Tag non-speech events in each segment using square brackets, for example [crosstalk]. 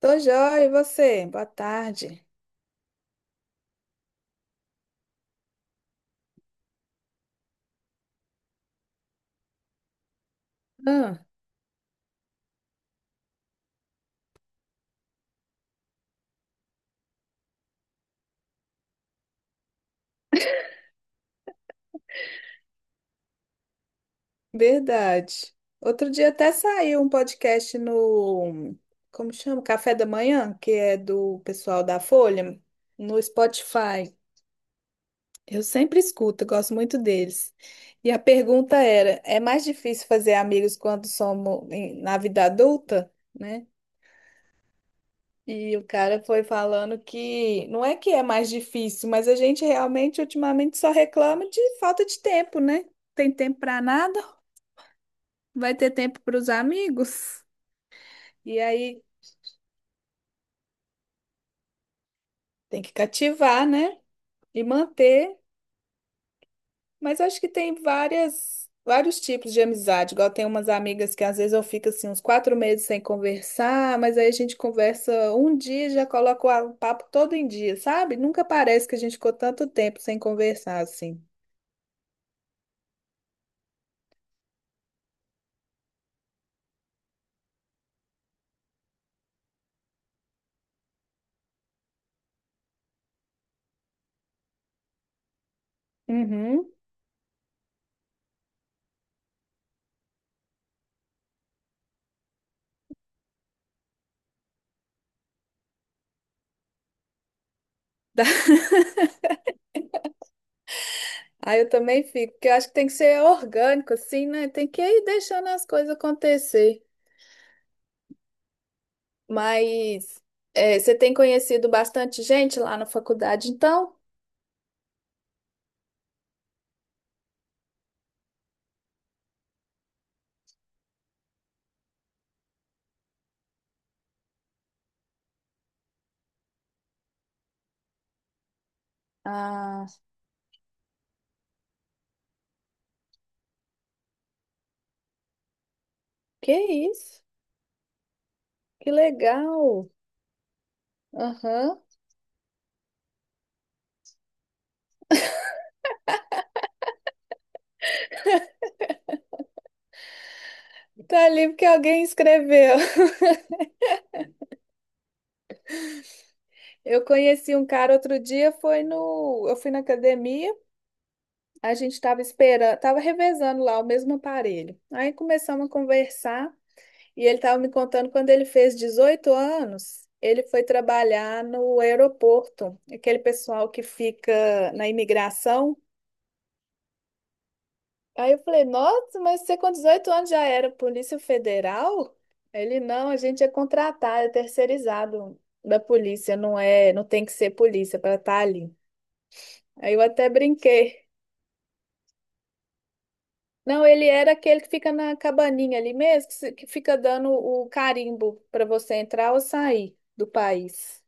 Tô joia, e você? Boa tarde. Ah, verdade. Outro dia até saiu um podcast no, como chama? Café da Manhã, que é do pessoal da Folha, no Spotify. Eu sempre escuto, eu gosto muito deles. E a pergunta era: é mais difícil fazer amigos quando na vida adulta, né? E o cara foi falando que não é que é mais difícil, mas a gente realmente ultimamente só reclama de falta de tempo, né? Tem tempo para nada, vai ter tempo para os amigos. E aí tem que cativar, né? E manter. Mas acho que tem vários tipos de amizade. Igual tem umas amigas que às vezes eu fico assim uns 4 meses sem conversar, mas aí a gente conversa um dia e já coloca o papo todo em dia, sabe? Nunca parece que a gente ficou tanto tempo sem conversar assim. Uhum. [laughs] Aí eu também fico, porque eu acho que tem que ser orgânico, assim, né? Tem que ir deixando as coisas acontecer. Mas é, você tem conhecido bastante gente lá na faculdade, então? Ah, que isso? Que legal! Aham. Tá ali porque alguém escreveu. [laughs] Eu conheci um cara outro dia, foi no, eu fui na academia, a gente tava esperando, tava revezando lá o mesmo aparelho. Aí começamos a conversar. E ele estava me contando quando ele fez 18 anos, ele foi trabalhar no aeroporto, aquele pessoal que fica na imigração. Aí eu falei, nossa, mas você com 18 anos já era Polícia Federal? Ele, não, a gente é contratado, é terceirizado da polícia, não é, não tem que ser polícia para estar ali. Aí eu até brinquei. Não, ele era aquele que fica na cabaninha ali mesmo, que se- que fica dando o carimbo para você entrar ou sair do país.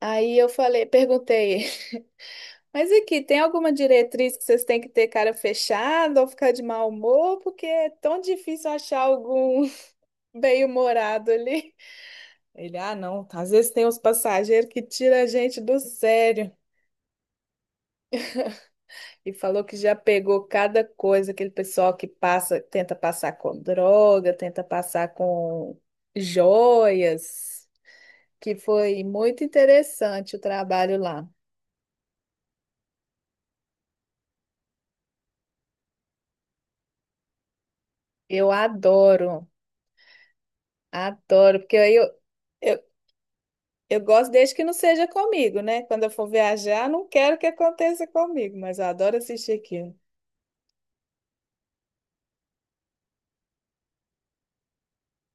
Aí eu falei, perguntei, [laughs] mas aqui, tem alguma diretriz que vocês têm que ter cara fechada ou ficar de mau humor? Porque é tão difícil achar algum [laughs] bem-humorado ali. Ele, ah, não, às vezes tem uns passageiros que tira a gente do sério. E falou que já pegou cada coisa, aquele pessoal que passa, tenta passar com droga, tenta passar com joias, que foi muito interessante o trabalho lá. Eu adoro, adoro, porque aí eu, Eu gosto desde que não seja comigo, né? Quando eu for viajar, não quero que aconteça comigo, mas eu adoro assistir aquilo.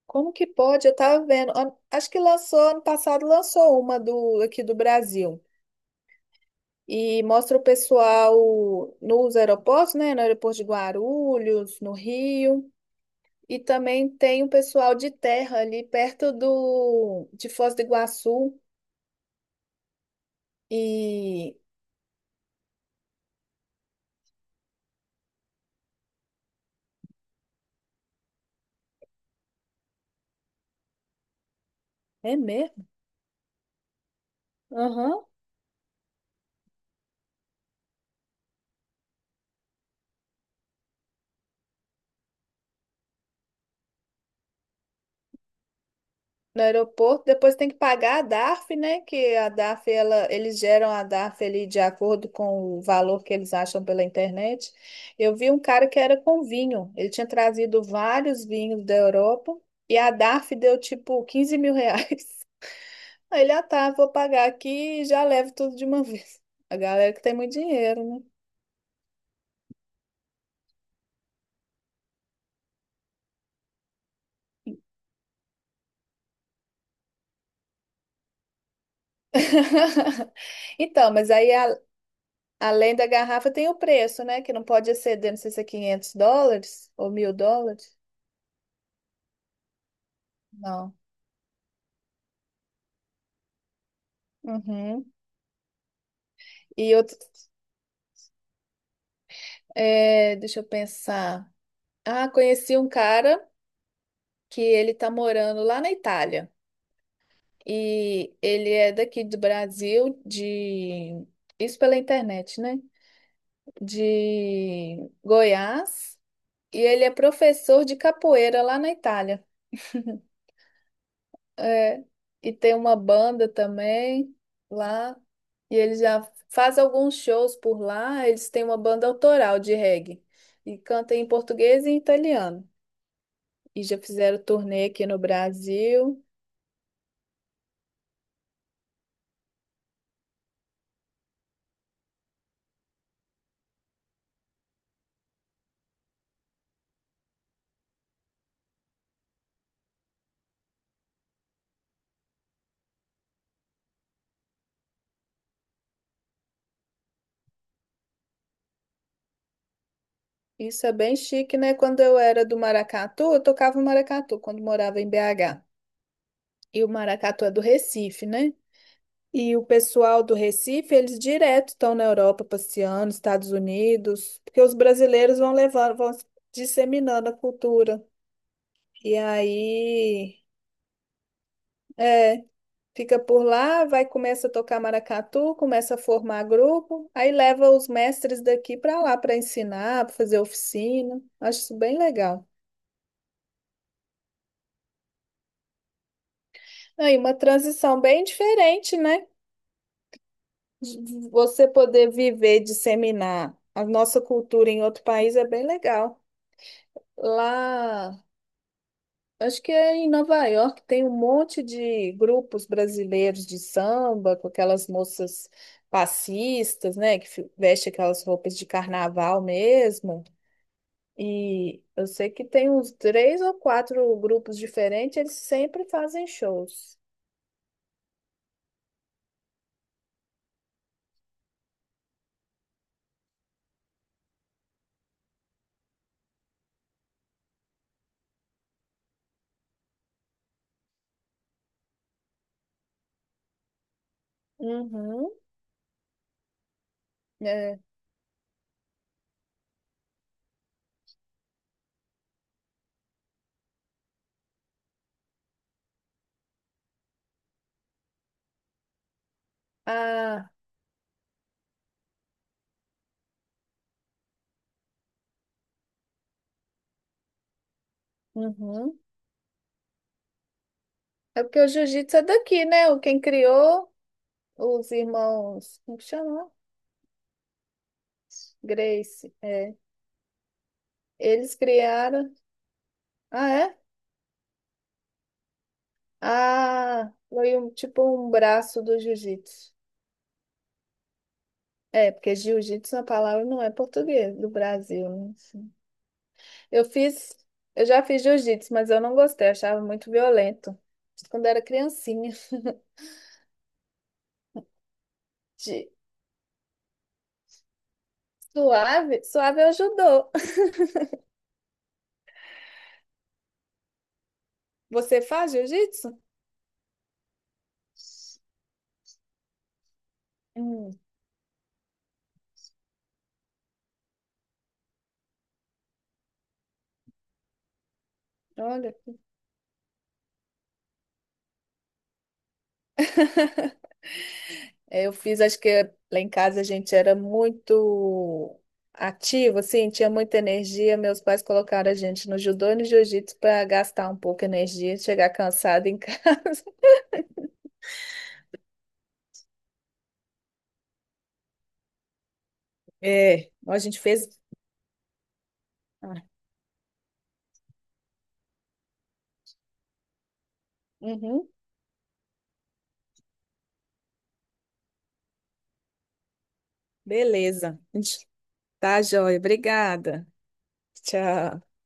Como que pode? Eu tava vendo. Acho que lançou, ano passado lançou uma do aqui do Brasil. E mostra o pessoal nos aeroportos, né? No aeroporto de Guarulhos, no Rio. E também tem um pessoal de terra ali perto do de Foz do Iguaçu. E é mesmo? Aham. No aeroporto, depois tem que pagar a DARF, né? Que a DARF, ela, eles geram a DARF ali de acordo com o valor que eles acham pela internet. Eu vi um cara que era com vinho, ele tinha trazido vários vinhos da Europa e a DARF deu tipo 15 mil reais. [laughs] Aí ele, ah tá, vou pagar aqui e já levo tudo de uma vez. A galera que tem muito dinheiro, né? [laughs] Então, mas além da garrafa tem o preço, né? Que não pode exceder, não sei se é 500 dólares ou 1.000 dólares. Não. Uhum. E outro, é, deixa eu pensar. Ah, conheci um cara que ele tá morando lá na Itália. E ele é daqui do Brasil, de isso pela internet, né? De Goiás. E ele é professor de capoeira lá na Itália. É, e tem uma banda também lá. E ele já faz alguns shows por lá. Eles têm uma banda autoral de reggae. E canta em português e em italiano. E já fizeram turnê aqui no Brasil. Isso é bem chique, né? Quando eu era do Maracatu, eu tocava o maracatu quando morava em BH. E o maracatu é do Recife, né? E o pessoal do Recife, eles direto estão na Europa passeando, Estados Unidos, porque os brasileiros vão levando, vão disseminando a cultura. E aí, é. Fica por lá, vai, começa a tocar maracatu, começa a formar grupo, aí leva os mestres daqui para lá para ensinar, para fazer oficina. Acho isso bem legal. Aí uma transição bem diferente, né? De você poder viver, disseminar a nossa cultura em outro país é bem legal. Lá, acho que é em Nova York tem um monte de grupos brasileiros de samba, com aquelas moças passistas, né, vestem aquelas roupas de carnaval mesmo. E eu sei que tem uns três ou quatro grupos diferentes, eles sempre fazem shows. Uhum, é. Ah, uhum. É porque o jiu-jitsu é daqui, né? O Quem criou, os irmãos, como que chama? Grace, é. Eles criaram. Ah, é? Ah, foi um, tipo um braço do jiu-jitsu. É, porque jiu-jitsu é uma palavra não é português, do Brasil, né? Assim. Eu fiz, eu já fiz jiu-jitsu, mas eu não gostei, eu achava muito violento. Isso quando era criancinha. [laughs] De- Suave, suave é o judô. Você faz jiu-jitsu? Hum, olha. É, eu fiz, acho que lá em casa a gente era muito ativo, assim, tinha muita energia. Meus pais colocaram a gente no judô e no jiu-jitsu para gastar um pouco de energia, chegar cansado em casa. [laughs] É, a gente fez. Ah, uhum. Beleza. Tá, joia. Obrigada. Tchau.